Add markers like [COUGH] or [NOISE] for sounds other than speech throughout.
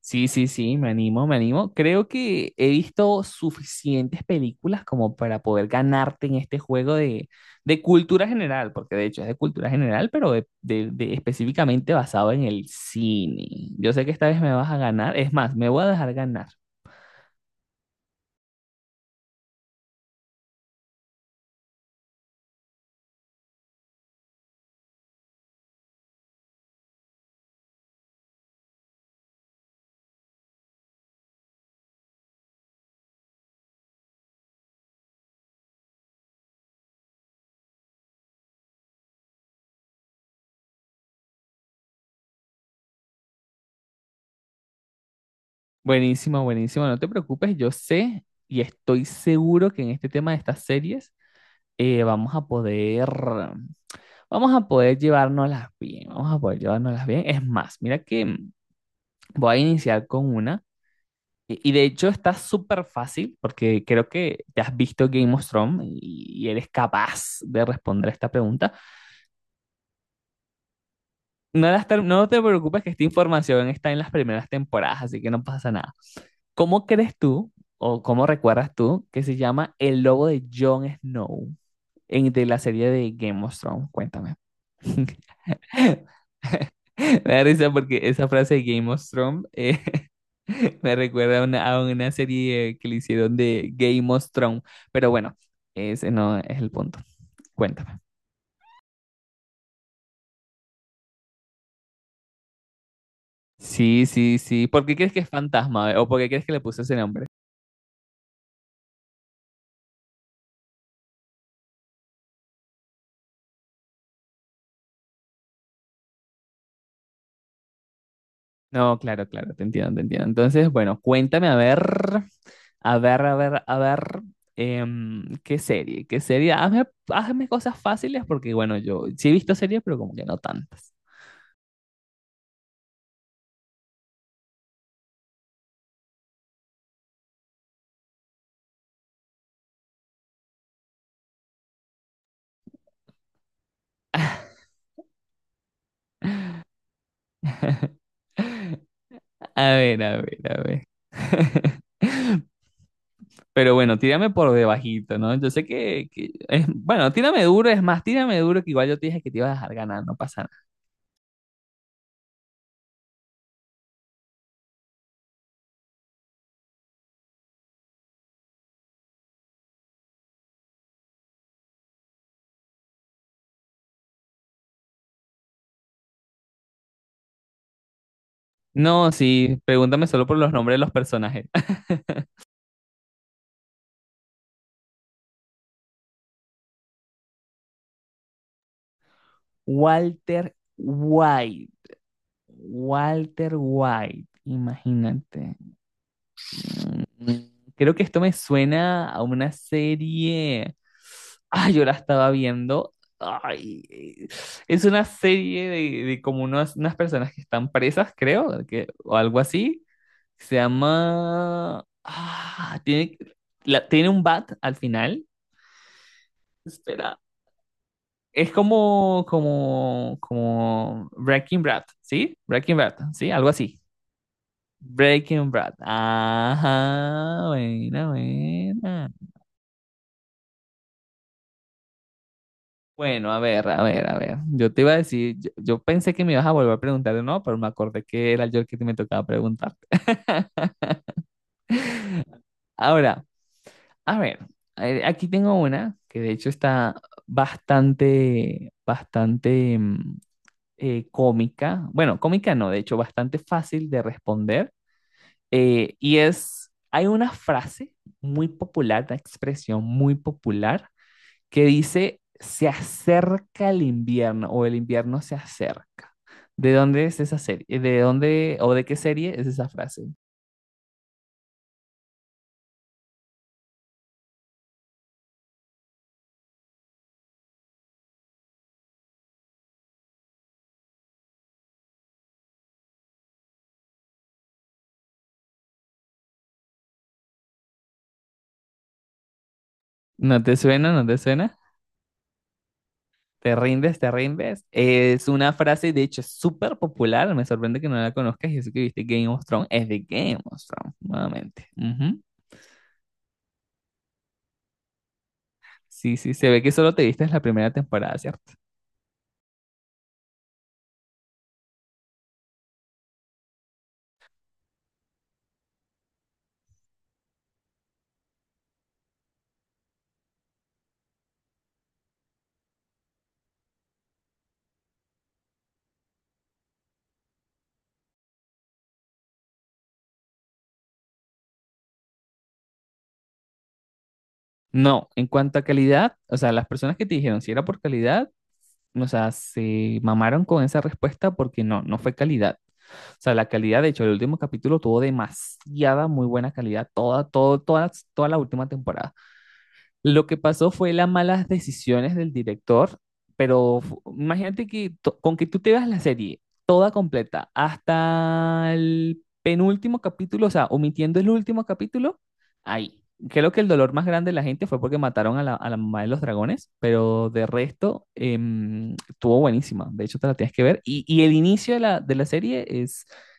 Sí, sí, sí, me animo, me animo. Creo que he visto suficientes películas como para poder ganarte en este juego de cultura general, porque de hecho es de cultura general, pero de específicamente basado en el cine. Yo sé que esta vez me vas a ganar, es más, me voy a dejar ganar. Buenísimo, buenísimo, no te preocupes, yo sé y estoy seguro que en este tema de estas series eh, vamos a poder, vamos a poder llevárnoslas bien, vamos a poder llevárnoslas bien. Es más, mira que... Voy a iniciar con una. Y de hecho está súper fácil porque creo que te has visto Game of Thrones y eres capaz de responder esta pregunta. No, no te preocupes que esta información está en las primeras temporadas, así que no pasa nada. ¿Cómo crees tú o cómo recuerdas tú que se llama el lobo de Jon Snow en, de la serie de Game of Thrones? Cuéntame. [LAUGHS] [LAUGHS] Me da risa porque esa frase de Game of Thrones [LAUGHS] me recuerda a una serie que le hicieron de Game of Thrones. Pero bueno, ese no es el punto. Cuéntame. Sí, sí, sí. ¿Por qué crees que es fantasma? O por qué crees que le puso ese nombre? No, claro, claro, te entiendo, te entiendo. Entonces, bueno, cuéntame, a ver, a ver, a ver, a ver, ¿qué serie? ¿Qué serie? Hazme, hazme cosas fáciles porque, bueno, yo sí he visto series, pero como que no tantas. [LAUGHS] A ver, a ver, a ver. [LAUGHS] Pero bueno, tírame por debajito, ¿no? Yo sé que, bueno, tírame duro, es más, tírame duro que igual yo te dije que te iba a dejar ganar, no pasa nada. No, sí, pregúntame solo por los nombres de los personajes. [LAUGHS] Walter White, Walter White, imagínate. Mm, Creo que esto me suena a una serie. Ah, yo la estaba viendo. Ay, eh, es una serie de como unas personas que están presas, creo, que, o algo así. Se llama... Ah, tiene, tiene un bat al final. Espera. Es como Breaking Bad, ¿sí? Breaking Bad, ¿sí? Algo así. Breaking Bad. Ajá, buena, buena. Bueno, a ver, a ver, a ver. Yo te iba a decir, yo pensé que me ibas a volver a preguntar de nuevo, pero me acordé que era yo el que te me tocaba preguntar. Ahora, a ver, aquí tengo una que de hecho está bastante, bastante cómica. Bueno, cómica no, de hecho bastante fácil de responder. Y es, hay una frase muy popular, una expresión muy popular que dice, se acerca el invierno o el invierno se acerca. ¿De dónde es esa serie? ¿De dónde o de qué serie es esa frase? ¿No te suena? ¿No te suena? Te rindes, te rindes. Es una frase, de hecho, súper popular. Me sorprende que no la conozcas. Y eso que viste Game of Thrones, es de Game of Thrones, nuevamente. Ujú. Sí, sí, se ve que solo te viste en la primera temporada, ¿cierto? No, en cuanto a calidad, o sea, las personas que te dijeron si era por calidad, o sea, se mamaron con esa respuesta porque no, no fue calidad. O sea, la calidad, de hecho, el último capítulo tuvo demasiada muy buena calidad, toda la última temporada. Lo que pasó fue las malas decisiones del director, pero imagínate que con que tú te veas la serie toda completa hasta el penúltimo capítulo, o sea, omitiendo el último capítulo, ahí. Creo que el dolor más grande de la gente fue porque mataron a a la mamá de los dragones, pero de resto estuvo buenísima. De hecho, te la tienes que ver. Y el inicio de de la serie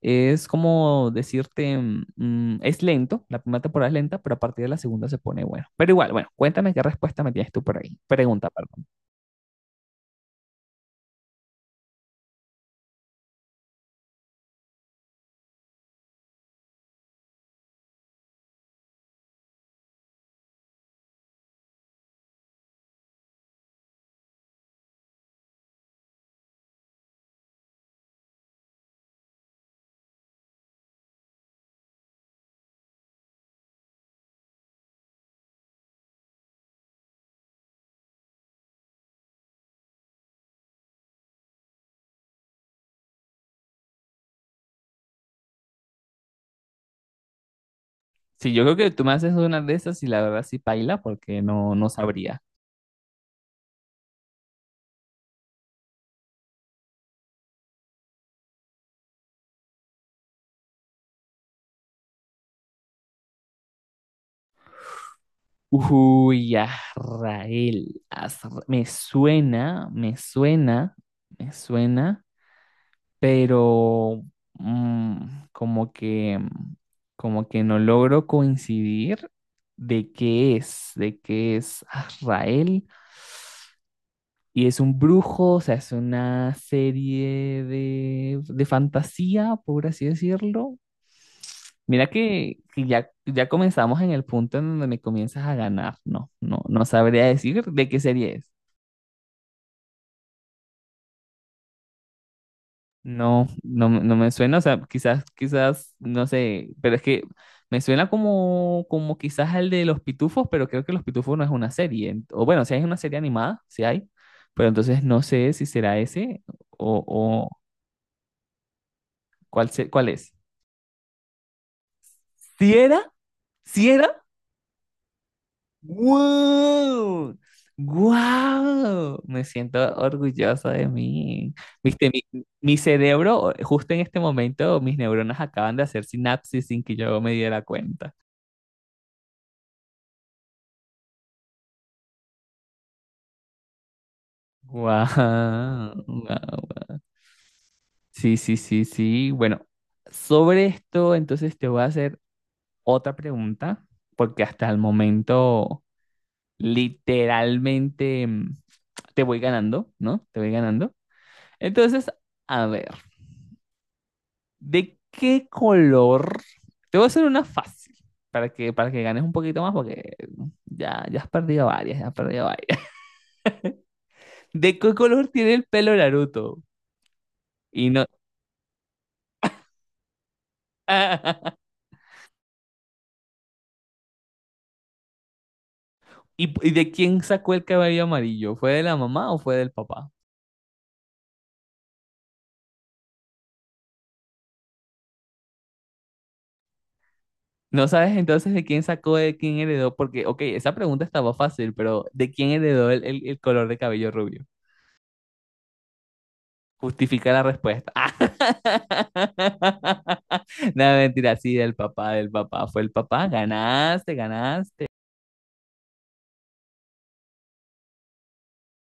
es como decirte, es lento, la primera temporada es lenta, pero a partir de la segunda se pone bueno. Pero igual, bueno, cuéntame qué respuesta me tienes tú por ahí. Pregunta, perdón. Sí, yo creo que tú me haces una de esas y la verdad sí paila porque no, no sabría. Uy, Azrael, me suena, me suena, me suena, pero mm, como que, mm, como que no logro coincidir de qué es Azrael. Y es un brujo, o sea, es una serie de fantasía, por así decirlo. Mira que ya, ya comenzamos en el punto en donde me comienzas a ganar, ¿no? No, no sabría decir de qué serie es. No me suena, o sea, quizás, quizás, no sé, pero es que me suena como quizás el de Los Pitufos, pero creo que Los Pitufos no es una serie. O bueno, si hay una serie animada, si hay, pero entonces no sé si será ese o cuál es. ¿Sí era? ¿Sí era? ¡Wow! ¡Wow! Me siento orgulloso de mí. Viste, mi cerebro, justo en este momento, mis neuronas acaban de hacer sinapsis sin que yo me diera cuenta. ¡Wow! ¡Wow! Sí, sí, sí, sí. Bueno, sobre esto, entonces te voy a hacer otra pregunta, porque hasta el momento, literalmente, te voy ganando, ¿no? Te voy ganando. Entonces, a ver, ¿de qué color? Te voy a hacer una fácil para que ganes un poquito más porque ya, ya has perdido varias, ya has perdido varias. [LAUGHS] ¿De qué color tiene el pelo Naruto? Y no... [LAUGHS] ¿Y, y de quién sacó el cabello amarillo? ¿Fue de la mamá o fue del papá? No sabes entonces de quién sacó, de quién heredó, porque, ok, esa pregunta estaba fácil, pero ¿de quién heredó el color de cabello rubio? Justifica la respuesta. [LAUGHS] No, mentira, sí, del papá, del papá. Fue el papá. Ganaste, ganaste.